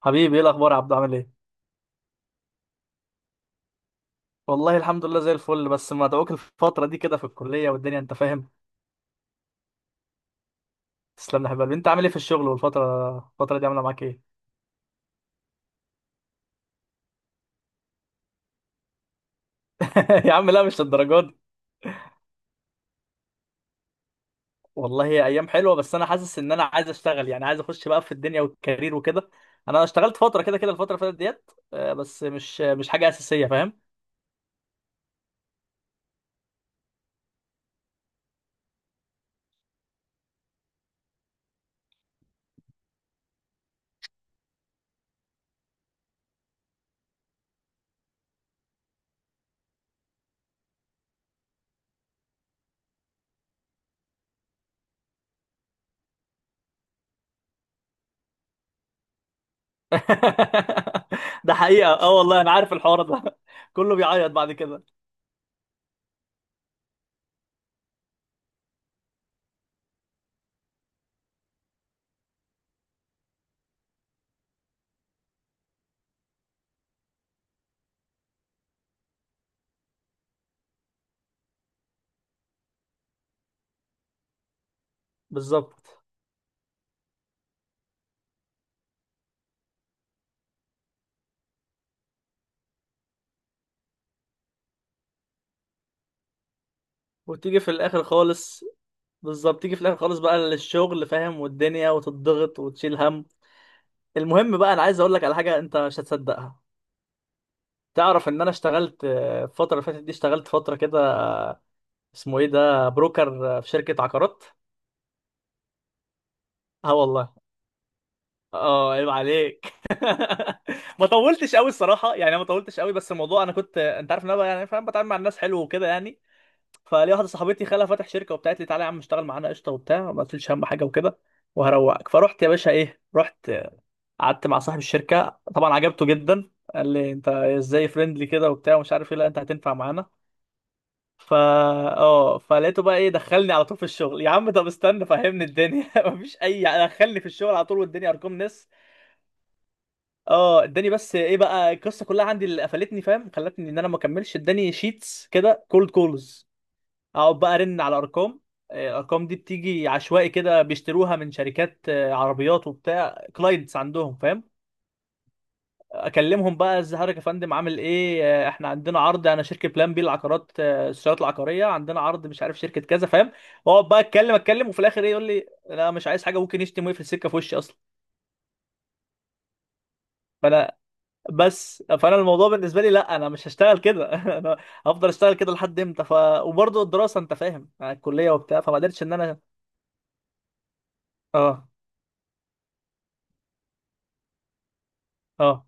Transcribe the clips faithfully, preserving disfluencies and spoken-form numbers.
حبيبي، ايه الاخبار يا عبدو؟ عامل ايه؟ والله الحمد لله زي الفل، بس مدعوك الفتره دي كده في الكليه والدنيا، انت فاهم. تسلم لي يا حبيبي، انت عامل ايه في الشغل، والفتره الفتره دي عامله معاك ايه؟ يا عم لا، مش للدرجه دي. والله هي ايام حلوه، بس انا حاسس ان انا عايز اشتغل، يعني عايز اخش بقى في الدنيا والكارير وكده. انا اشتغلت فتره كده كده الفتره اللي فاتت ديت، آه، بس مش مش حاجه اساسيه، فاهم. ده حقيقه، اه والله انا عارف الحوار ده. كله بيعيط بعد كده. بالظبط. وتيجي في الاخر خالص. بالظبط، تيجي في الاخر خالص بقى للشغل، فاهم، والدنيا، وتضغط وتشيل هم. المهم بقى، انا عايز اقول لك على حاجه انت مش هتصدقها. تعرف ان انا اشتغلت آه، الفتره اللي فاتت دي، اشتغلت فتره كده. اسمه ايه ده، بروكر، آه، في شركه عقارات. اه والله. اه، عيب عليك. ما طولتش قوي الصراحه، يعني ما طولتش قوي، بس الموضوع انا كنت، انت عارف ان انا بقى يعني فاهم، بتعامل مع الناس حلو وكده يعني. فليا واحده صاحبتي خالها فاتح شركه، وبتاعت لي تعالى يا عم اشتغل معانا قشطه وبتاع، ما قلتليش اهم حاجه وكده. وهروقك فرحت يا باشا ايه، رحت آه، قعدت مع صاحب الشركه، طبعا عجبته جدا، قال لي انت ازاي فريندلي كده وبتاع ومش عارف ايه، لا انت هتنفع معانا. فا اه فلقيته بقى ايه، دخلني على طول في الشغل، يا عم طب استنى فهمني الدنيا. مفيش، اي دخلني في الشغل على طول، والدنيا ارقام ناس. اه، اداني بس ايه بقى القصه كلها، عندي اللي قفلتني فاهم، خلتني ان انا ما اكملش، اداني شيتس كده كولد كولز. اقعد بقى ارن على ارقام. آه، الارقام دي بتيجي عشوائي كده، بيشتروها من شركات، آه، عربيات وبتاع كلاينتس عندهم، فاهم. اكلمهم بقى، ازيك يا فندم عامل ايه، آه، احنا عندنا عرض، انا شركه بلان بي العقارات، آه، السيارات العقاريه عندنا عرض، مش عارف شركه كذا، فاهم. واقعد بقى اتكلم اتكلم، وفي الاخر ايه يقول لي لا مش عايز حاجه، ممكن يشتم ويقفل السكه في وشي اصلا. فانا بس فانا الموضوع بالنسبه لي، لا انا مش هشتغل كده. انا هفضل اشتغل كده لحد امتى ف وبرضه الدراسه، انت فاهم، آه، الكليه وبتاع، فما قدرتش ان انا اه، اه،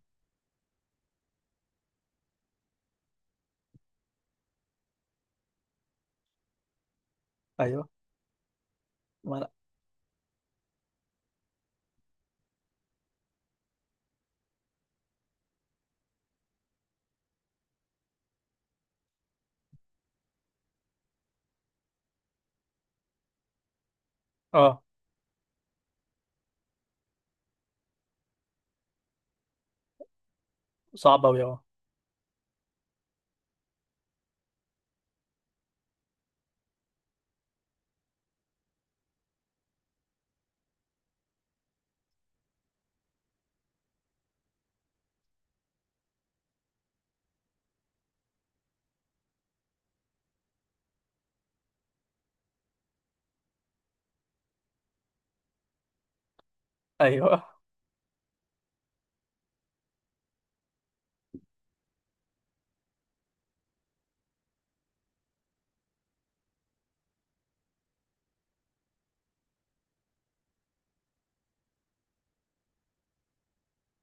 ايوه. ما أنا- اه، صعب أوي، اه. أيوه.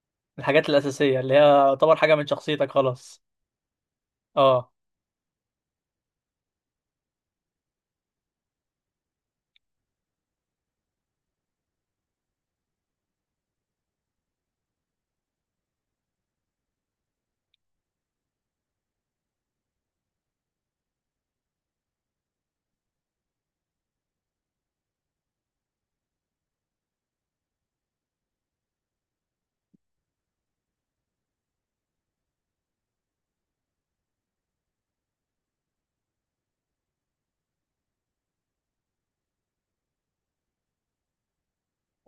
الحاجات الأساسية اللي هي يعتبر حاجة من شخصيتك خلاص. اه،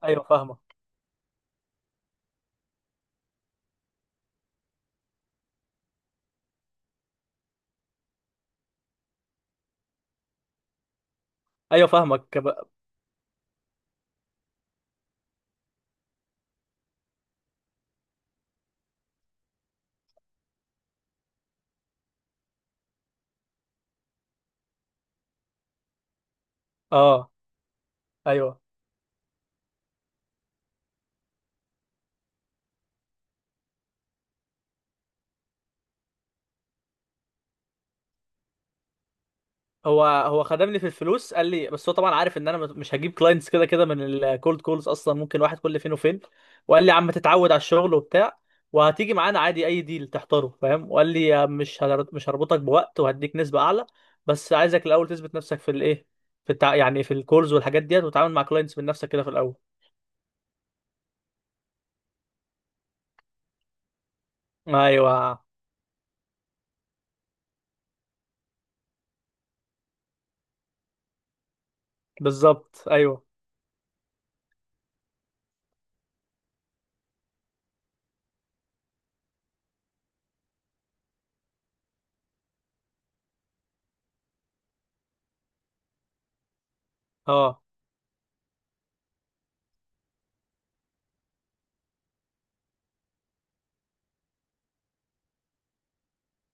أيوه فاهمك. أيوه فاهمك ب- اه. أيوه، هو هو خدمني في الفلوس، قال لي بس هو طبعا عارف ان انا مش هجيب كلاينتس كده كده من الكولد كولز اصلا، ممكن واحد كل فين وفين. وقال لي يا عم تتعود على الشغل وبتاع. وهتيجي معانا عادي اي ديل تحتاره، فاهم، وقال لي يا مش هر- مش هربطك بوقت، وهديك نسبة اعلى. بس عايزك الاول تثبت نفسك في الايه، في التع... يعني في الكولز والحاجات ديت، وتتعامل مع كلاينتس من نفسك كده في الاول. ايوه، بالظبط، ايوه. اه،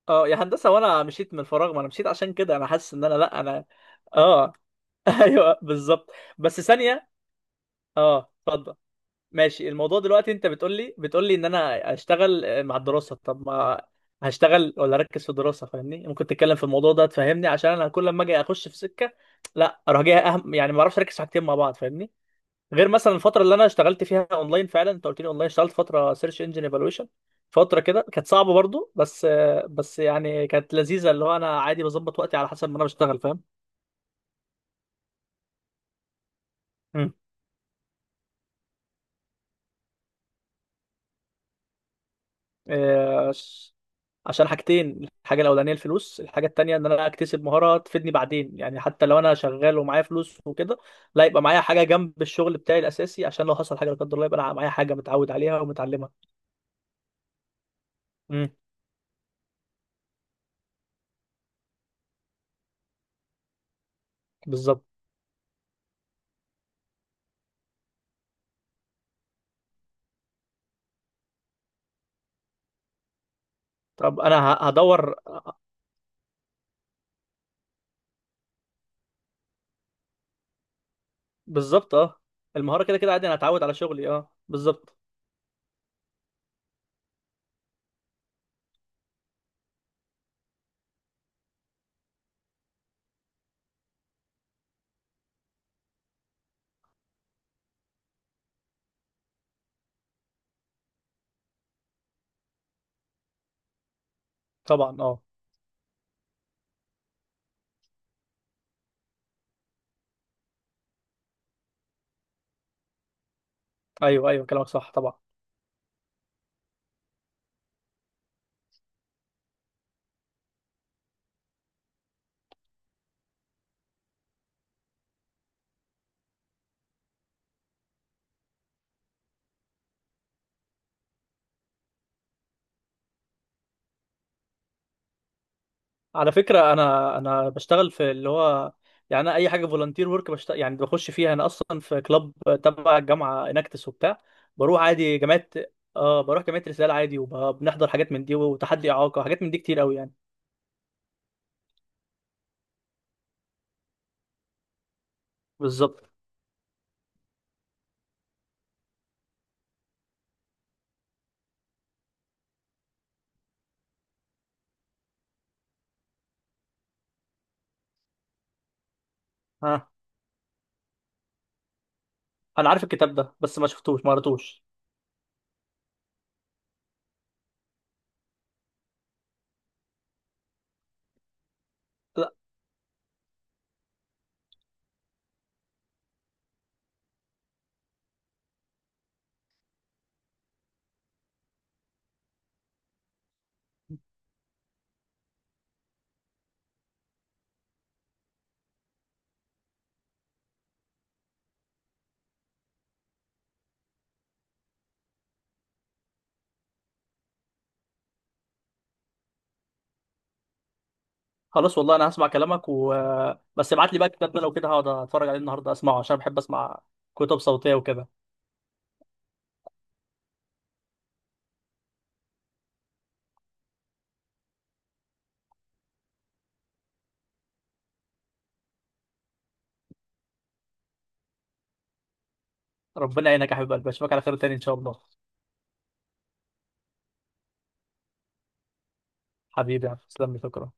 اه، يا هندسه، وانا مشيت من الفراغ، ما انا مشيت عشان كده، انا حاسس ان انا لا انا اه. ايوه بالظبط. بس ثانيه. اه اتفضل. ماشي، الموضوع دلوقتي انت بتقول لي بتقول لي ان انا اشتغل آه، مع الدراسه، طب ما هشتغل ولا اركز في الدراسه؟ فاهمني، ممكن تتكلم في الموضوع ده تفهمني، عشان انا كل لما اجي اخش في سكه لا اروح جاي اهم، يعني ما اعرفش اركز في حاجتين مع بعض، فاهمني. غير مثلا الفتره اللي انا اشتغلت فيها اونلاين، فعلا انت قلت لي اونلاين، اشتغلت فتره سيرش انجن ايفالويشن. فتره كده كانت صعبه برضو، بس بس يعني كانت لذيذه، اللي هو انا عادي بظبط وقتي على حسب ما انا بشتغل، فاهم. مم. آه، عشان حاجتين، الحاجه الاولانيه الفلوس، الحاجه التانيه ان انا اكتسب مهاره تفيدني بعدين، يعني حتى لو انا شغال ومعايا فلوس وكده، لا، يبقى معايا حاجه جنب الشغل بتاعي الاساسي، عشان لو حصل حاجه لا قدر الله، يبقى انا معايا حاجه متعود عليها ومتعلمها. مم. بالظبط. طب انا ه- هدور. بالظبط، اه. المهارة كده كده عادي، انا هتعود على شغلي، اه، بالظبط. طبعا، اه. ايوه، ايوه كلامك صح طبعا. على فكرة، انا انا بشتغل في اللي هو، يعني أنا اي حاجة فولunteer ورك بشتغل، يعني بخش فيها، انا اصلا في كلاب تبع الجامعة اناكتس وبتاع. بروح عادي جامعات. اه، بروح جامعة رسالة عادي، وبنحضر حاجات من دي وتحدي اعاقة، حاجات من دي كتير قوي يعني. بالظبط. ها. انا عارف الكتاب ده، بس ما شفتوش ما قريتوش. خلاص والله انا هسمع كلامك و بس ابعت لي بقى الكتاب ده، لو كده هقعد اتفرج عليه النهارده اسمعه، عشان بحب اسمع كتب صوتيه وكده. ربنا يعينك يا حبيب قلبي، اشوفك على خير تاني ان شاء الله. حبيبي يا عم. تسلم لي، شكرا.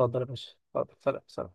اتفضل يا باشا، اتفضل، سلام سلام.